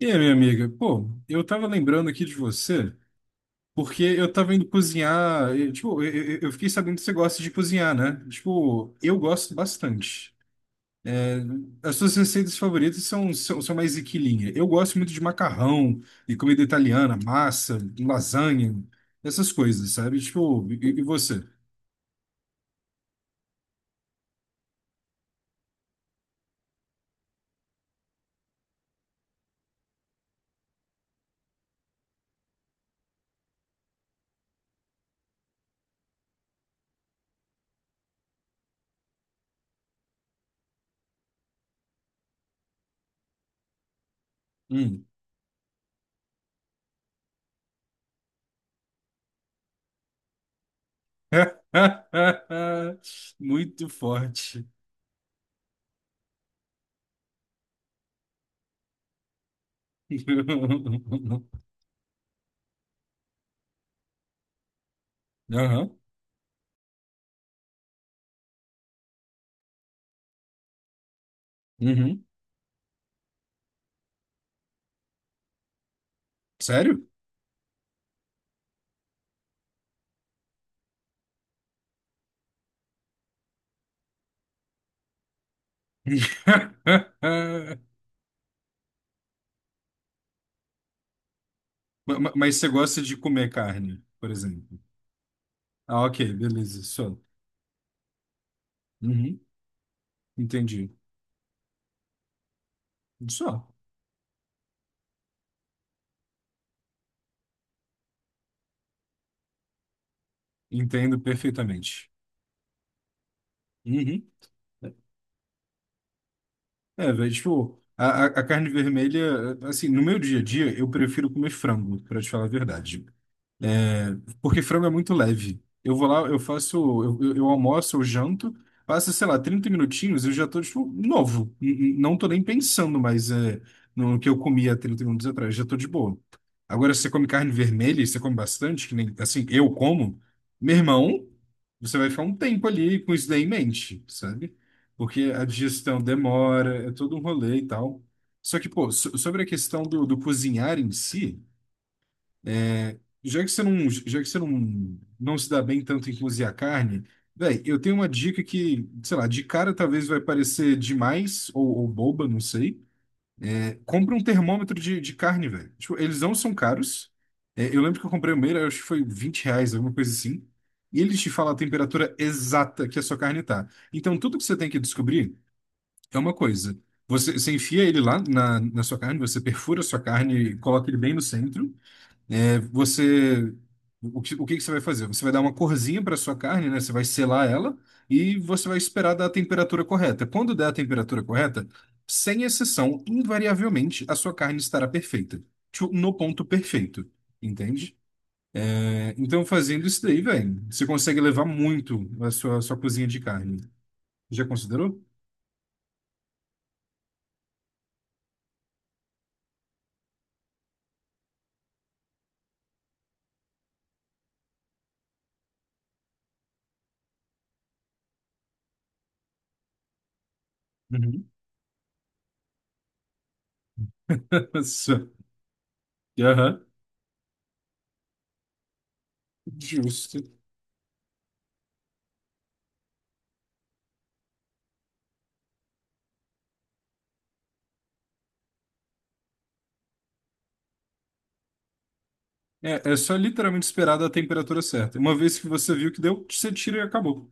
E aí, minha amiga? Pô, eu tava lembrando aqui de você, porque eu tava indo cozinhar. E, tipo, eu fiquei sabendo que você gosta de cozinhar, né? Tipo, eu gosto bastante. É, as suas receitas favoritas são mais equilinha. Eu gosto muito de macarrão e comida italiana, massa, lasanha, essas coisas, sabe? Tipo, e você? Hum. Muito forte. Aham. Uhum. Sério? Mas você gosta de comer carne, por exemplo. Ah, ok, beleza, só. Uhum, entendi. Só. Entendo perfeitamente. Uhum. É, velho, tipo, a carne vermelha, assim, no meu dia a dia, eu prefiro comer frango, pra te falar a verdade. É, porque frango é muito leve. Eu vou lá, eu faço, eu almoço, eu janto, passa, sei lá, 30 minutinhos, eu já tô, tipo, novo. Não tô nem pensando mais é, no que eu comia 30 minutos atrás, já tô de boa. Agora, se você come carne vermelha, e você come bastante, que nem, assim, eu como, meu irmão, você vai ficar um tempo ali com isso daí em mente, sabe? Porque a digestão demora, é todo um rolê e tal. Só que, pô, so- sobre a questão do, cozinhar em si. Já que você não se dá bem tanto em cozinhar carne, véi, eu tenho uma dica que, sei lá, de cara talvez vai parecer demais ou boba, não sei. É, compra um termômetro de carne, velho. Tipo, eles não são caros. É, eu lembro que eu comprei o meu, eu acho que foi 20 reais, alguma coisa assim. E eles te fala a temperatura exata que a sua carne tá. Então, tudo que você tem que descobrir é uma coisa. Você, você enfia ele lá na, sua carne, você perfura a sua carne, coloca ele bem no centro. É, você, o que que você vai fazer? Você vai dar uma corzinha para sua carne, né? Você vai selar ela e você vai esperar dar a temperatura correta. Quando der a temperatura correta, sem exceção, invariavelmente, a sua carne estará perfeita. Tipo, no ponto perfeito, entende? É, então, fazendo isso daí, velho, você consegue levar muito a sua cozinha de carne. Já considerou? Uhum. Nossa. Aham. Justo. É, é só literalmente esperar da temperatura certa. Uma vez que você viu que deu, você tira e acabou.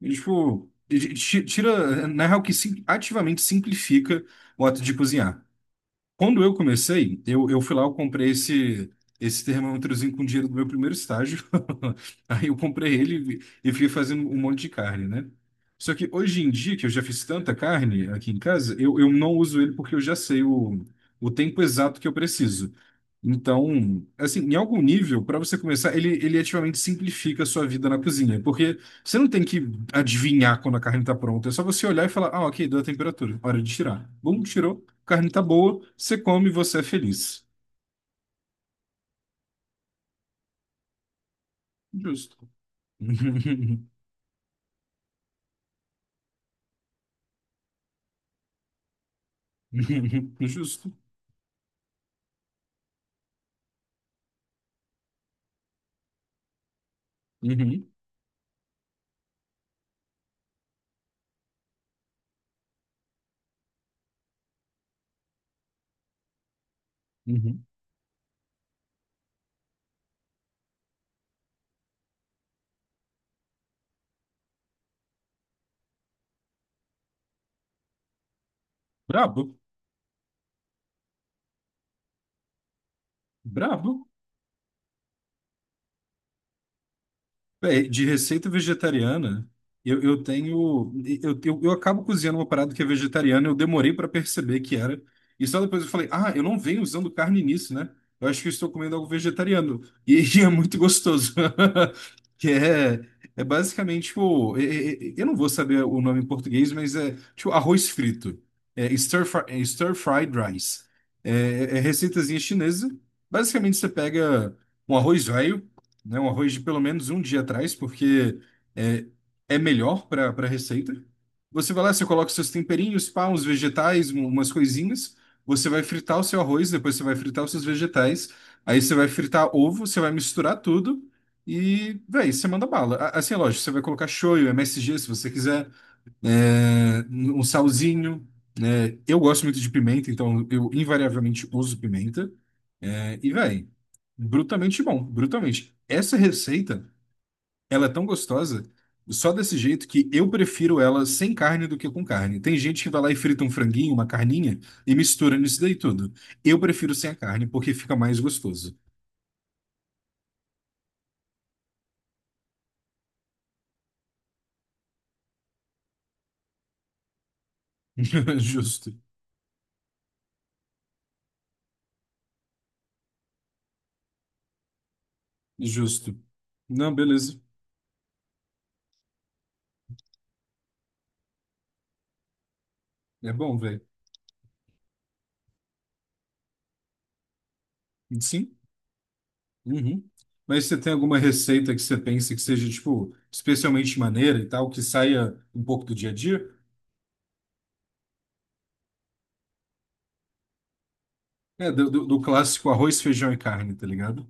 E, tipo, tira, na real, que ativamente simplifica o ato de cozinhar. Quando eu comecei, eu fui lá, eu comprei esse, esse termômetrozinho com dinheiro do meu primeiro estágio. Aí eu comprei ele e fui fazendo um monte de carne, né? Só que hoje em dia, que eu já fiz tanta carne aqui em casa, eu não uso ele porque eu já sei o tempo exato que eu preciso. Então, assim, em algum nível, para você começar, ele ativamente simplifica a sua vida na cozinha, porque você não tem que adivinhar quando a carne está pronta, é só você olhar e falar, ah, ok, deu a temperatura, hora de tirar. Bom, tirou. Carne tá boa, você come e você é feliz. Justo. Justo. Uhum, uhum. Brabo, brabo. Bem, de receita vegetariana, eu tenho. Eu acabo cozinhando uma parada que é vegetariana, eu demorei para perceber que era. E só depois eu falei, ah, eu não venho usando carne nisso, né? Eu acho que eu estou comendo algo vegetariano. E, é muito gostoso. Que é basicamente, tipo, eu não vou saber o nome em português, mas é tipo arroz frito. É stir fried rice. É, é receitazinha chinesa. Basicamente, você pega um arroz velho, né? Um arroz de pelo menos um dia atrás, porque é, é melhor para receita. Você vai lá, você coloca seus temperinhos, pá, uns vegetais, umas coisinhas. Você vai fritar o seu arroz, depois você vai fritar os seus vegetais. Aí você vai fritar ovo, você vai misturar tudo e, véi, você manda bala. A- Assim, é lógico, você vai colocar shoyu, MSG, se você quiser é, um salzinho, né? Eu gosto muito de pimenta, então eu invariavelmente uso pimenta. É, e, véi, brutamente bom, brutamente. Essa receita, ela é tão gostosa, só desse jeito que eu prefiro ela sem carne do que com carne. Tem gente que vai lá e frita um franguinho, uma carninha e mistura nisso daí tudo. Eu prefiro sem a carne, porque fica mais gostoso. Justo, justo. Não, beleza. É bom, velho. Sim. Uhum. Mas você tem alguma receita que você pensa que seja, tipo, especialmente maneira e tal, que saia um pouco do dia a dia? É, do, do clássico arroz, feijão e carne, tá ligado?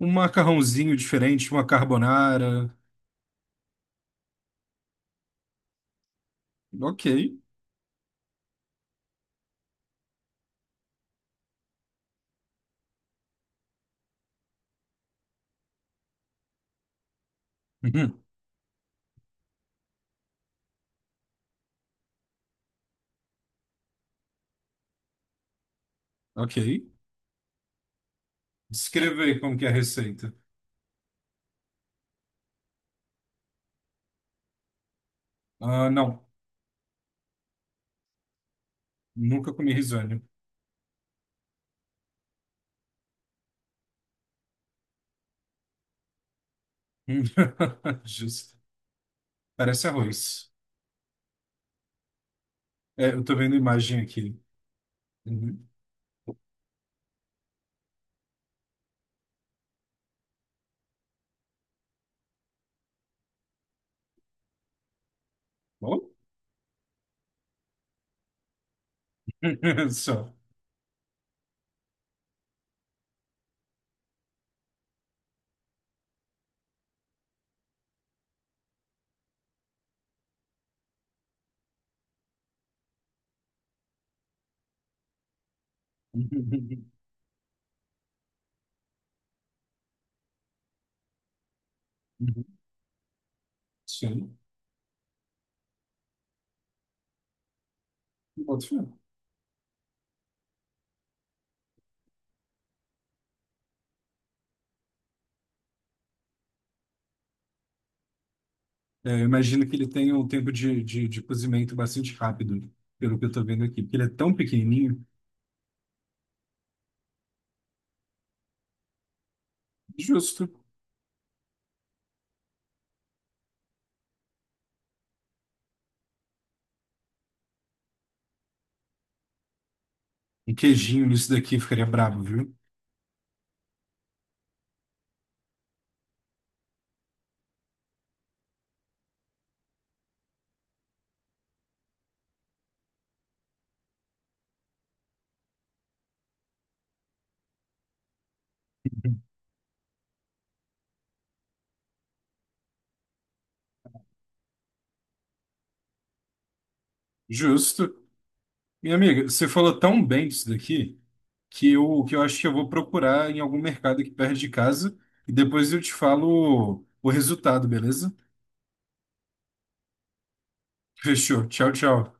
Um macarrãozinho diferente, uma carbonara. Ok. Uhum. Ok. Descreva aí como que é a receita. Ah, não. Nunca comi risânio. Hum. Justo. Parece arroz. É, eu tô vendo imagem aqui. Uhum. Bom? Só. Uhum. Uhum. Sim. Boto fé. É, eu imagino que ele tenha um tempo de, de cozimento bastante rápido, pelo que eu tô vendo aqui. Porque ele é tão pequenininho. Justo. Um queijinho nisso daqui ficaria brabo, viu? Justo. Minha amiga, você falou tão bem disso daqui que eu, acho que eu vou procurar em algum mercado aqui perto de casa e depois eu te falo o resultado, beleza? Fechou. Tchau, tchau.